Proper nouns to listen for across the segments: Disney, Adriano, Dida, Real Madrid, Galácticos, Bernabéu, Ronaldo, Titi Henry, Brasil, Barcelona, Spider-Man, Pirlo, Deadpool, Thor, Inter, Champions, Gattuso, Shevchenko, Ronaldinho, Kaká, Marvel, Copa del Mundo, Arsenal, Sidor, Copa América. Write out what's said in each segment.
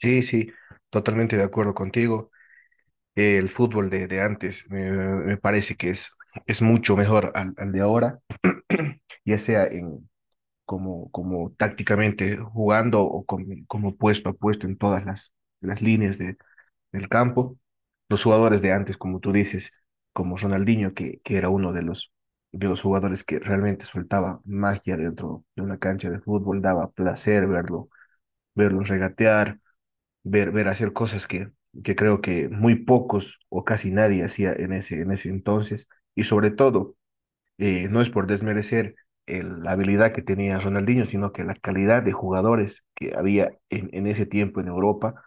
Sí, sí, totalmente de acuerdo contigo. El fútbol de antes me parece que es mucho mejor al de ahora, ya sea en, como tácticamente jugando o como puesto a puesto en todas las líneas del campo. Los jugadores de antes, como tú dices, como Ronaldinho, que era uno de de los jugadores que realmente soltaba magia dentro de una cancha de fútbol, daba placer verlo, verlo regatear ver, ver hacer cosas que creo que muy pocos o casi nadie hacía en en ese entonces. Y sobre todo, no es por desmerecer la habilidad que tenía Ronaldinho, sino que la calidad de jugadores que había en ese tiempo en Europa,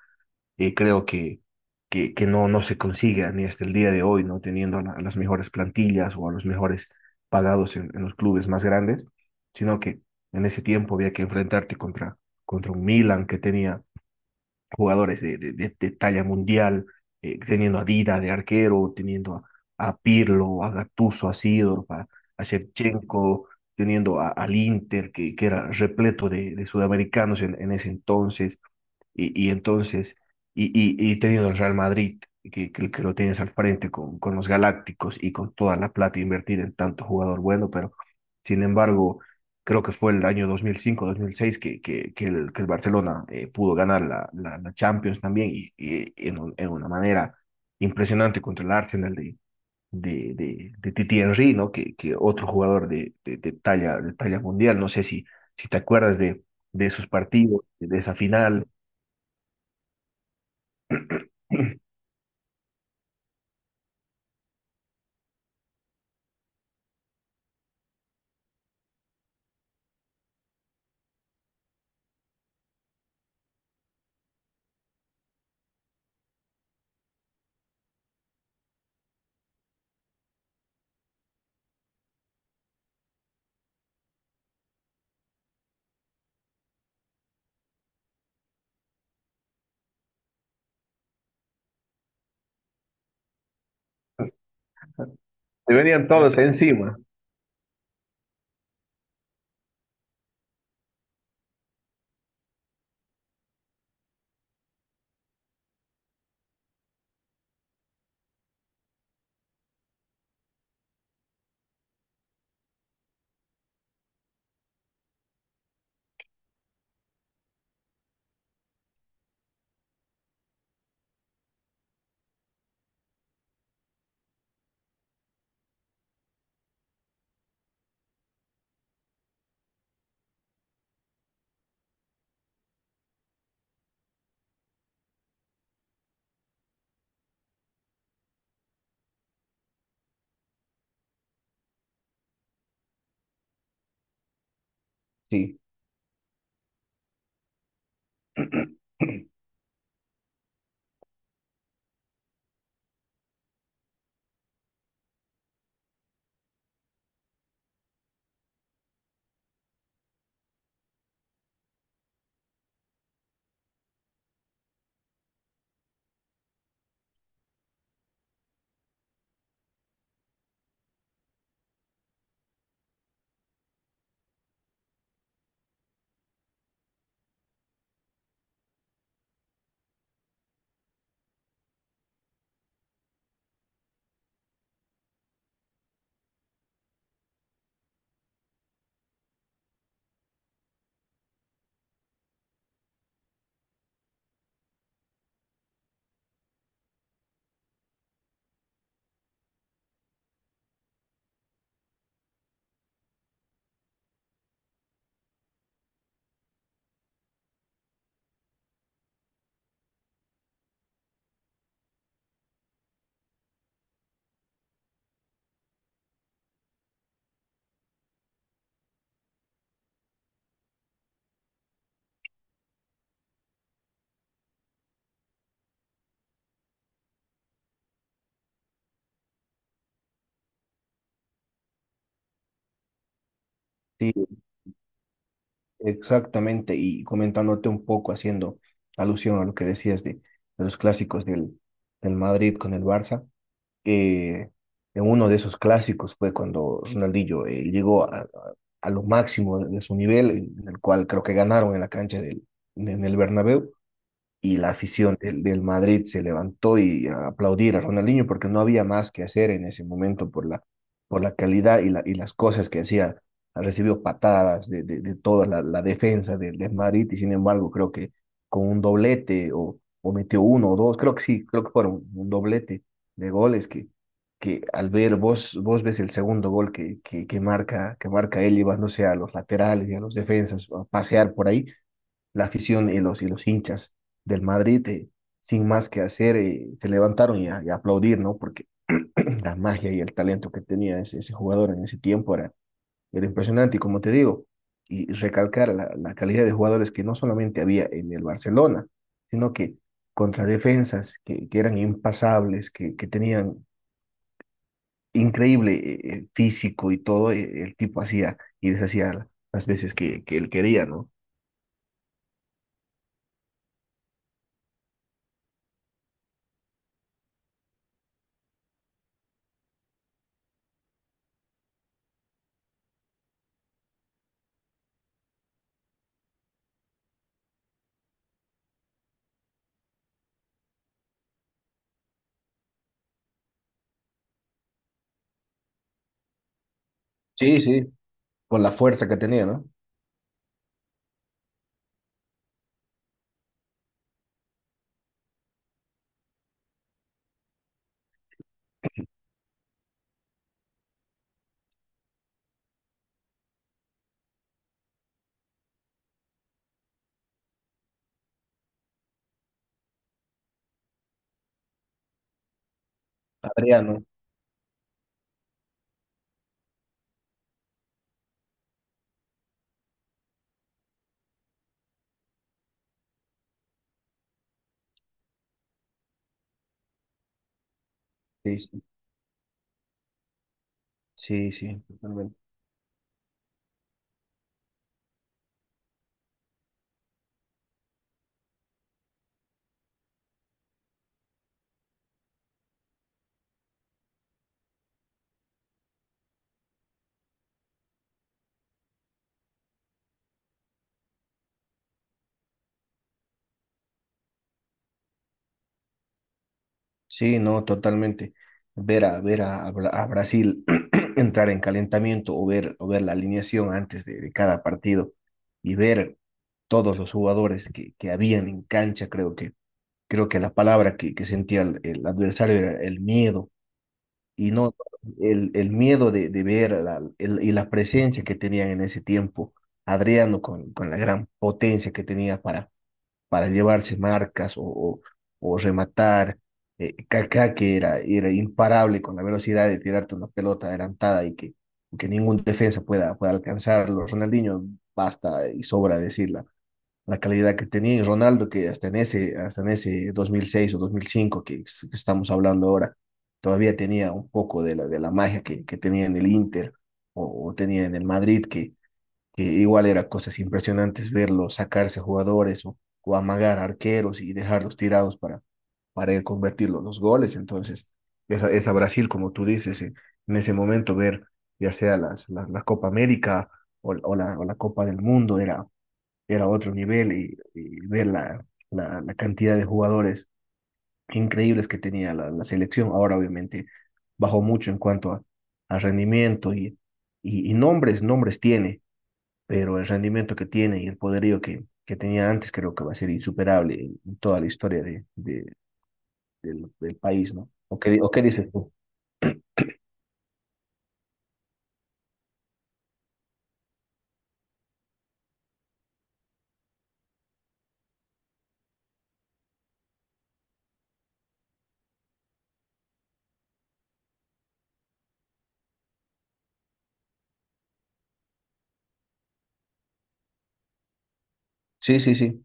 creo que no se consigue ni hasta el día de hoy, no teniendo las mejores plantillas o a los mejores pagados en los clubes más grandes, sino que en ese tiempo había que enfrentarte contra, contra un Milan que tenía jugadores de talla mundial, teniendo a Dida de arquero, teniendo a Pirlo, a Gattuso, a Sidor, a Shevchenko, teniendo al Inter, que era repleto de sudamericanos en ese entonces, y, y entonces, y teniendo el Real Madrid, que lo tienes al frente con los Galácticos y con toda la plata invertida en tanto jugador bueno, pero sin embargo, creo que fue el año dos mil cinco mil seis que el Barcelona pudo ganar la Champions también en una manera impresionante contra el Arsenal de Titi Henry, ¿no? Que otro jugador de talla mundial, no sé si te acuerdas de esos partidos, de esa final. Te venían todos encima. Sí, sí, exactamente. Y comentándote un poco, haciendo alusión a lo que decías de los clásicos del, del Madrid con el Barça, eh, en uno de esos clásicos fue cuando Ronaldinho llegó a lo máximo de su nivel, en el cual creo que ganaron en la cancha del, en el Bernabéu. Y la afición del, del Madrid se levantó y a aplaudir a Ronaldinho porque no había más que hacer en ese momento por por la calidad y, la, y las cosas que hacía. Recibió patadas de toda la defensa del, del Madrid y sin embargo creo que con un doblete o metió uno o dos, creo que sí, creo que fueron un doblete de goles que al ver vos, vos ves el segundo gol que marca él llevándose a los laterales y a los defensas a pasear por ahí la afición y los hinchas del Madrid, sin más que hacer, se levantaron y a aplaudir, ¿no? Porque la magia y el talento que tenía ese jugador en ese tiempo era, era impresionante. Y como te digo, y recalcar la calidad de jugadores que no solamente había en el Barcelona, sino que contra defensas que eran impasables, que tenían increíble físico y todo, el tipo hacía y deshacía las veces que él quería, ¿no? Sí, sí. Con la fuerza que tenía, ¿no? Adriano, sí, sí, sí, sí, totalmente. Sí, no, totalmente. Ver a, ver a a Brasil entrar en calentamiento o ver la alineación antes de cada partido y ver todos los jugadores que habían en cancha, creo creo que la palabra que sentía el adversario era el miedo y no el, el miedo de ver y la presencia que tenían en ese tiempo. Adriano con la gran potencia que tenía para llevarse marcas o rematar. Kaká, que era, era imparable con la velocidad de tirarte una pelota adelantada y que ningún defensa pueda, pueda alcanzarlo. Ronaldinho, basta y sobra decir la calidad que tenía. Y Ronaldo, que hasta en ese 2006 o 2005 que estamos hablando ahora, todavía tenía un poco de la magia que tenía en el Inter o tenía en el Madrid, que igual era cosas impresionantes verlos sacarse jugadores o amagar arqueros y dejarlos tirados para él convertir los goles. Entonces, esa Brasil, como tú dices, en ese momento ver ya sea las, la Copa América o la Copa del Mundo era, era otro nivel y ver la cantidad de jugadores increíbles que tenía la selección. Ahora, obviamente, bajó mucho en cuanto a rendimiento y nombres, nombres tiene pero el rendimiento que tiene y el poderío que tenía antes creo que va a ser insuperable en toda la historia del, del país, ¿no? ¿O qué, o qué dices tú? Sí, sí, sí.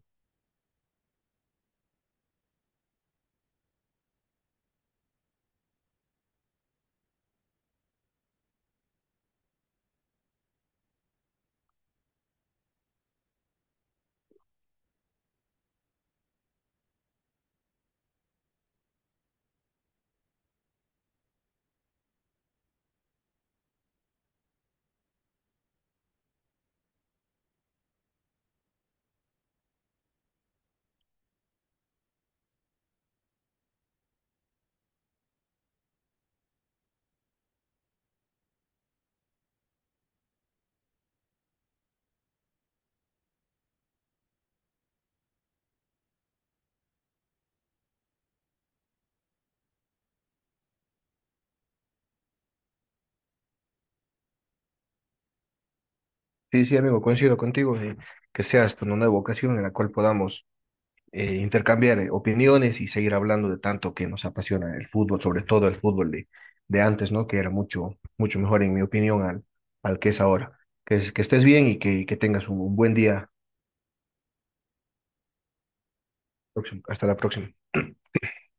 Sí, sí, amigo, coincido contigo. Que sea esto una nueva ocasión en la cual podamos intercambiar opiniones y seguir hablando de tanto que nos apasiona el fútbol, sobre todo el fútbol de antes, ¿no? Que era mucho, mucho mejor, en mi opinión, al, al que es ahora. Que estés bien que tengas un buen día. Hasta la próxima.